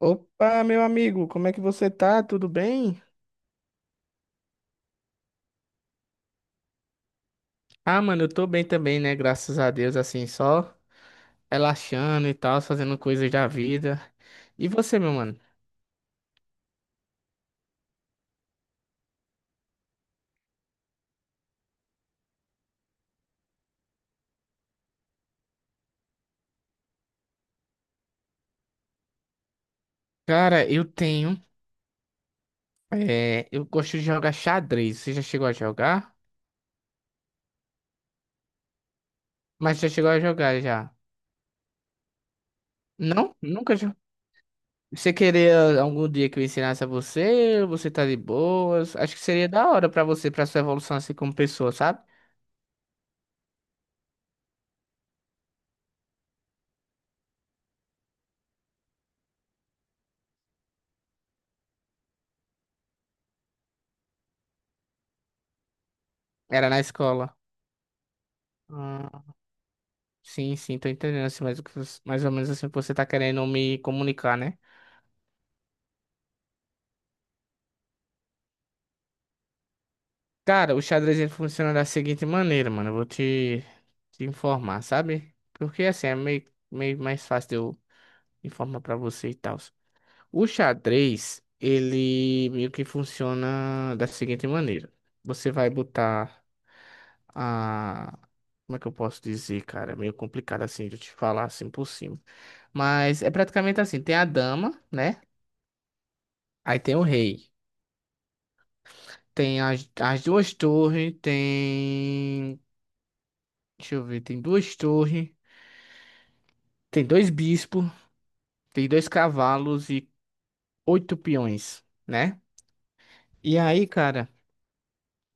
Opa, meu amigo, como é que você tá? Tudo bem? Ah, mano, eu tô bem também, né? Graças a Deus, assim, só relaxando e tal, fazendo coisas da vida. E você, meu mano? Cara, eu tenho. É, eu gosto de jogar xadrez. Você já chegou a jogar? Mas já chegou a jogar já? Não? Nunca jogou. Você queria algum dia que eu ensinasse a você? Ou você tá de boas? Acho que seria da hora pra você, pra sua evolução assim como pessoa, sabe? Era na escola. Ah. Sim, sim, tô entendendo assim, mais, mais ou menos assim que você tá querendo me comunicar, né? Cara, o xadrez ele funciona da seguinte maneira, mano. Eu vou te informar, sabe? Porque assim é meio mais fácil de eu informar pra você e tal. O xadrez, ele meio que funciona da seguinte maneira. Você vai botar a. Como é que eu posso dizer, cara? É meio complicado assim de eu te falar assim por cima. Mas é praticamente assim: tem a dama, né? Aí tem o rei. Tem as duas torres, tem. Deixa eu ver, tem duas torres, tem dois bispos, tem dois cavalos e oito peões, né? E aí, cara,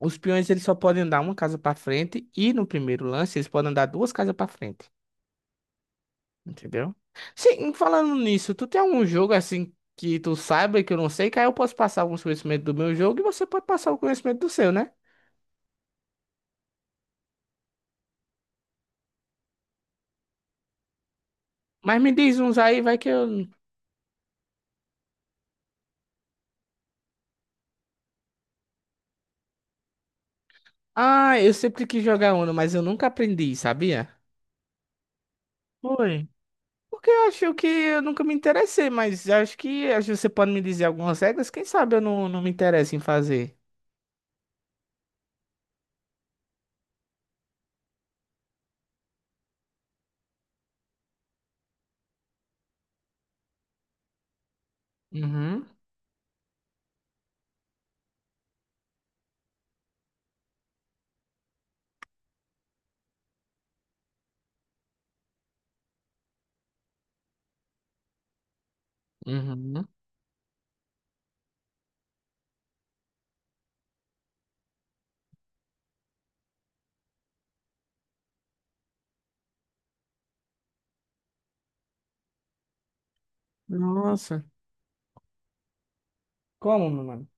os peões eles só podem andar uma casa pra frente e no primeiro lance eles podem andar duas casas pra frente, entendeu? Sim, falando nisso, tu tem algum jogo assim que tu saiba que eu não sei, que aí eu posso passar alguns conhecimentos do meu jogo e você pode passar o conhecimento do seu, né? Mas me diz uns aí, vai que eu. Ah, eu sempre quis jogar Uno, mas eu nunca aprendi, sabia? Foi. Porque eu acho que eu nunca me interessei, mas acho que você pode me dizer algumas regras, quem sabe eu não me interesso em fazer. Uhum, uhum. Nossa. Como, meu mano?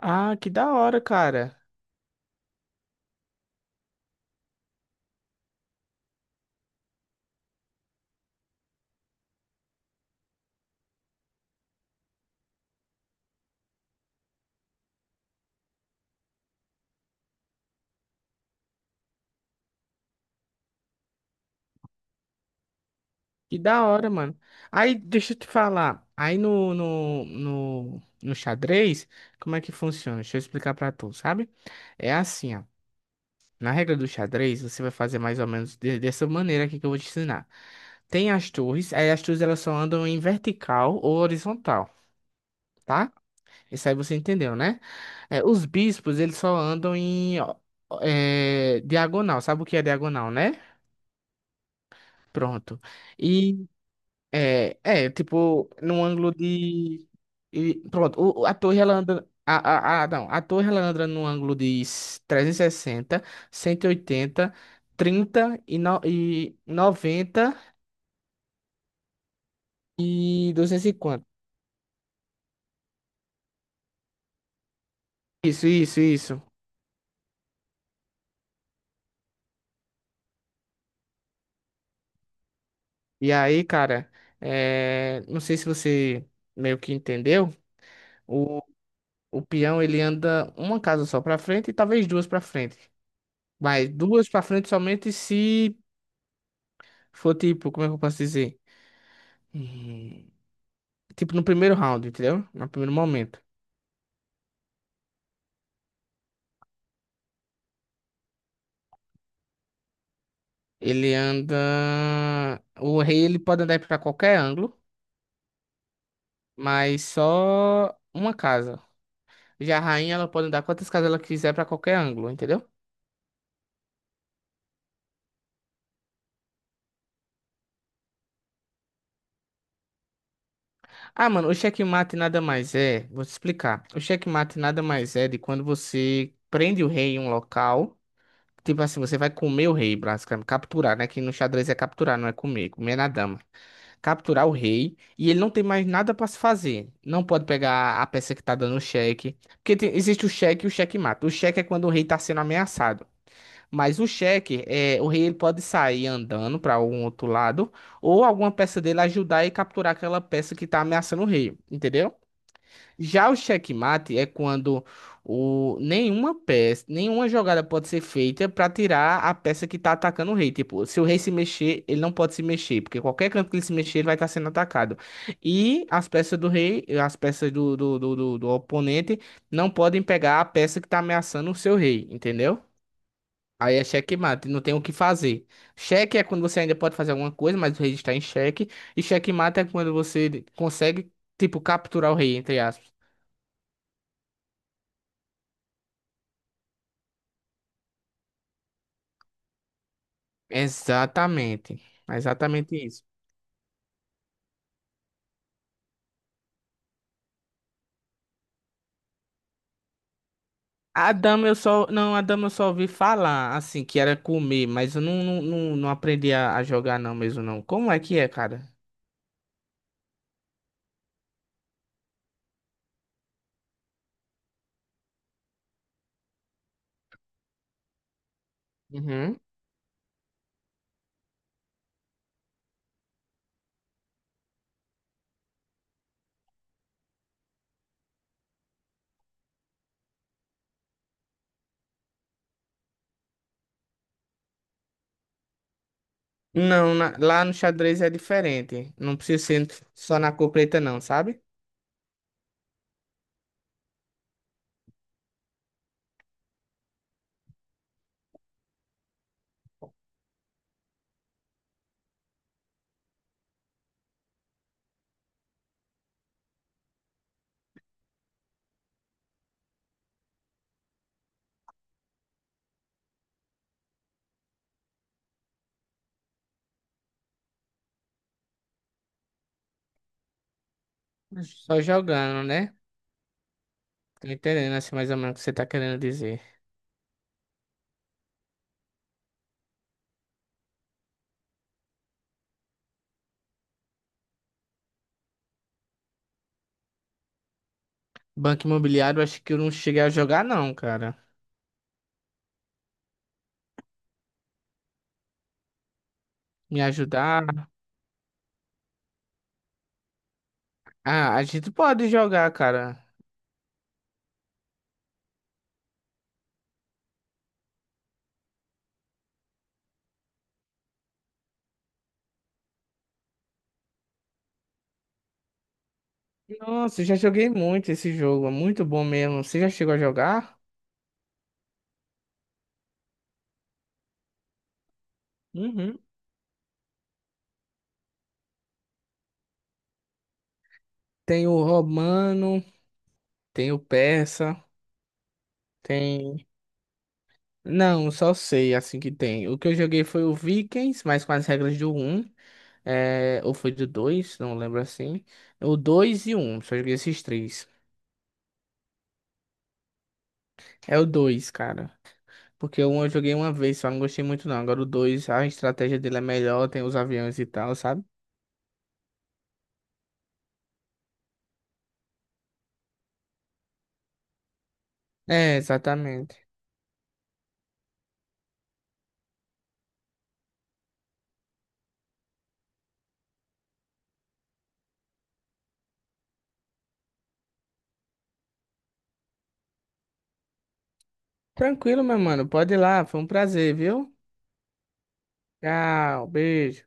Ah, que da hora, cara. Que da hora, mano. Aí, deixa eu te falar. Aí no xadrez, como é que funciona? Deixa eu explicar pra tu, sabe? É assim, ó. Na regra do xadrez, você vai fazer mais ou menos dessa maneira aqui que eu vou te ensinar. Tem as torres, aí as torres elas só andam em vertical ou horizontal, tá? Isso aí você entendeu, né? É, os bispos, eles só andam em ó, é, diagonal. Sabe o que é diagonal, né? Pronto. E é, é, tipo, num ângulo de. Pronto, a torre ela anda. Não, a torre ela anda num ângulo de trezentos e sessenta, cento e oitenta, no, e 90 e noventa e duzentos e cinquenta. Isso, isso, isso. E aí, cara, é, não sei se você meio que entendeu. O, o peão ele anda uma casa só pra frente e talvez duas pra frente. Mas duas pra frente somente se for tipo, como é que eu posso dizer? Hum, Tipo, no primeiro round, entendeu? No primeiro momento. Ele anda. O rei ele pode andar pra qualquer ângulo, mas só uma casa. Já a rainha ela pode andar quantas casas ela quiser pra qualquer ângulo, entendeu? Ah, mano, o checkmate nada mais é. Vou te explicar. O checkmate nada mais é de quando você prende o rei em um local. Tipo assim, você vai comer o rei, basicamente. Capturar, né? Que no xadrez é capturar, não é comer. Comer é na dama. Capturar o rei e ele não tem mais nada para se fazer. Não pode pegar a peça que tá dando o cheque, porque existe o cheque e o cheque-mate. O cheque é quando o rei tá sendo ameaçado. Mas o cheque é o rei ele pode sair andando para algum outro lado ou alguma peça dele ajudar e capturar aquela peça que tá ameaçando o rei, entendeu? Já o checkmate é quando o, nenhuma peça, nenhuma jogada pode ser feita para tirar a peça que tá atacando o rei. Tipo, se o rei se mexer, ele não pode se mexer, porque qualquer canto que ele se mexer, ele vai estar sendo atacado. E as peças do rei, as peças do oponente, não podem pegar a peça que tá ameaçando o seu rei, entendeu? Aí é checkmate, não tem o que fazer. Cheque é quando você ainda pode fazer alguma coisa, mas o rei está em cheque. E checkmate é quando você consegue, tipo, capturar o rei, entre aspas. Exatamente. Exatamente isso. A dama eu só. Não, a dama eu só ouvi falar, assim, que era comer, mas eu não aprendi a jogar, não, mesmo não. Como é que é, cara? Uhum. Lá no xadrez é diferente. Não precisa ser só na cor preta, não, sabe? Só jogando, né? Tô entendendo, assim, mais ou menos o que você tá querendo dizer. Banco Imobiliário, acho que eu não cheguei a jogar, não, cara. Me ajudar. Ah, a gente pode jogar, cara. Nossa, eu já joguei muito esse jogo, é muito bom mesmo. Você já chegou a jogar? Uhum. Tem o romano, tem o persa, tem. Não, só sei assim que tem. O que eu joguei foi o Vikings, mas com as regras do um, é... Ou foi do 2, não lembro assim. O 2 e o 1, só joguei esses três. É o dois, cara. Porque o um eu joguei uma vez, só não gostei muito não. Agora o 2, a estratégia dele é melhor, tem os aviões e tal, sabe? É, exatamente. Tranquilo, meu mano. Pode ir lá, foi um prazer, viu? Tchau, beijo.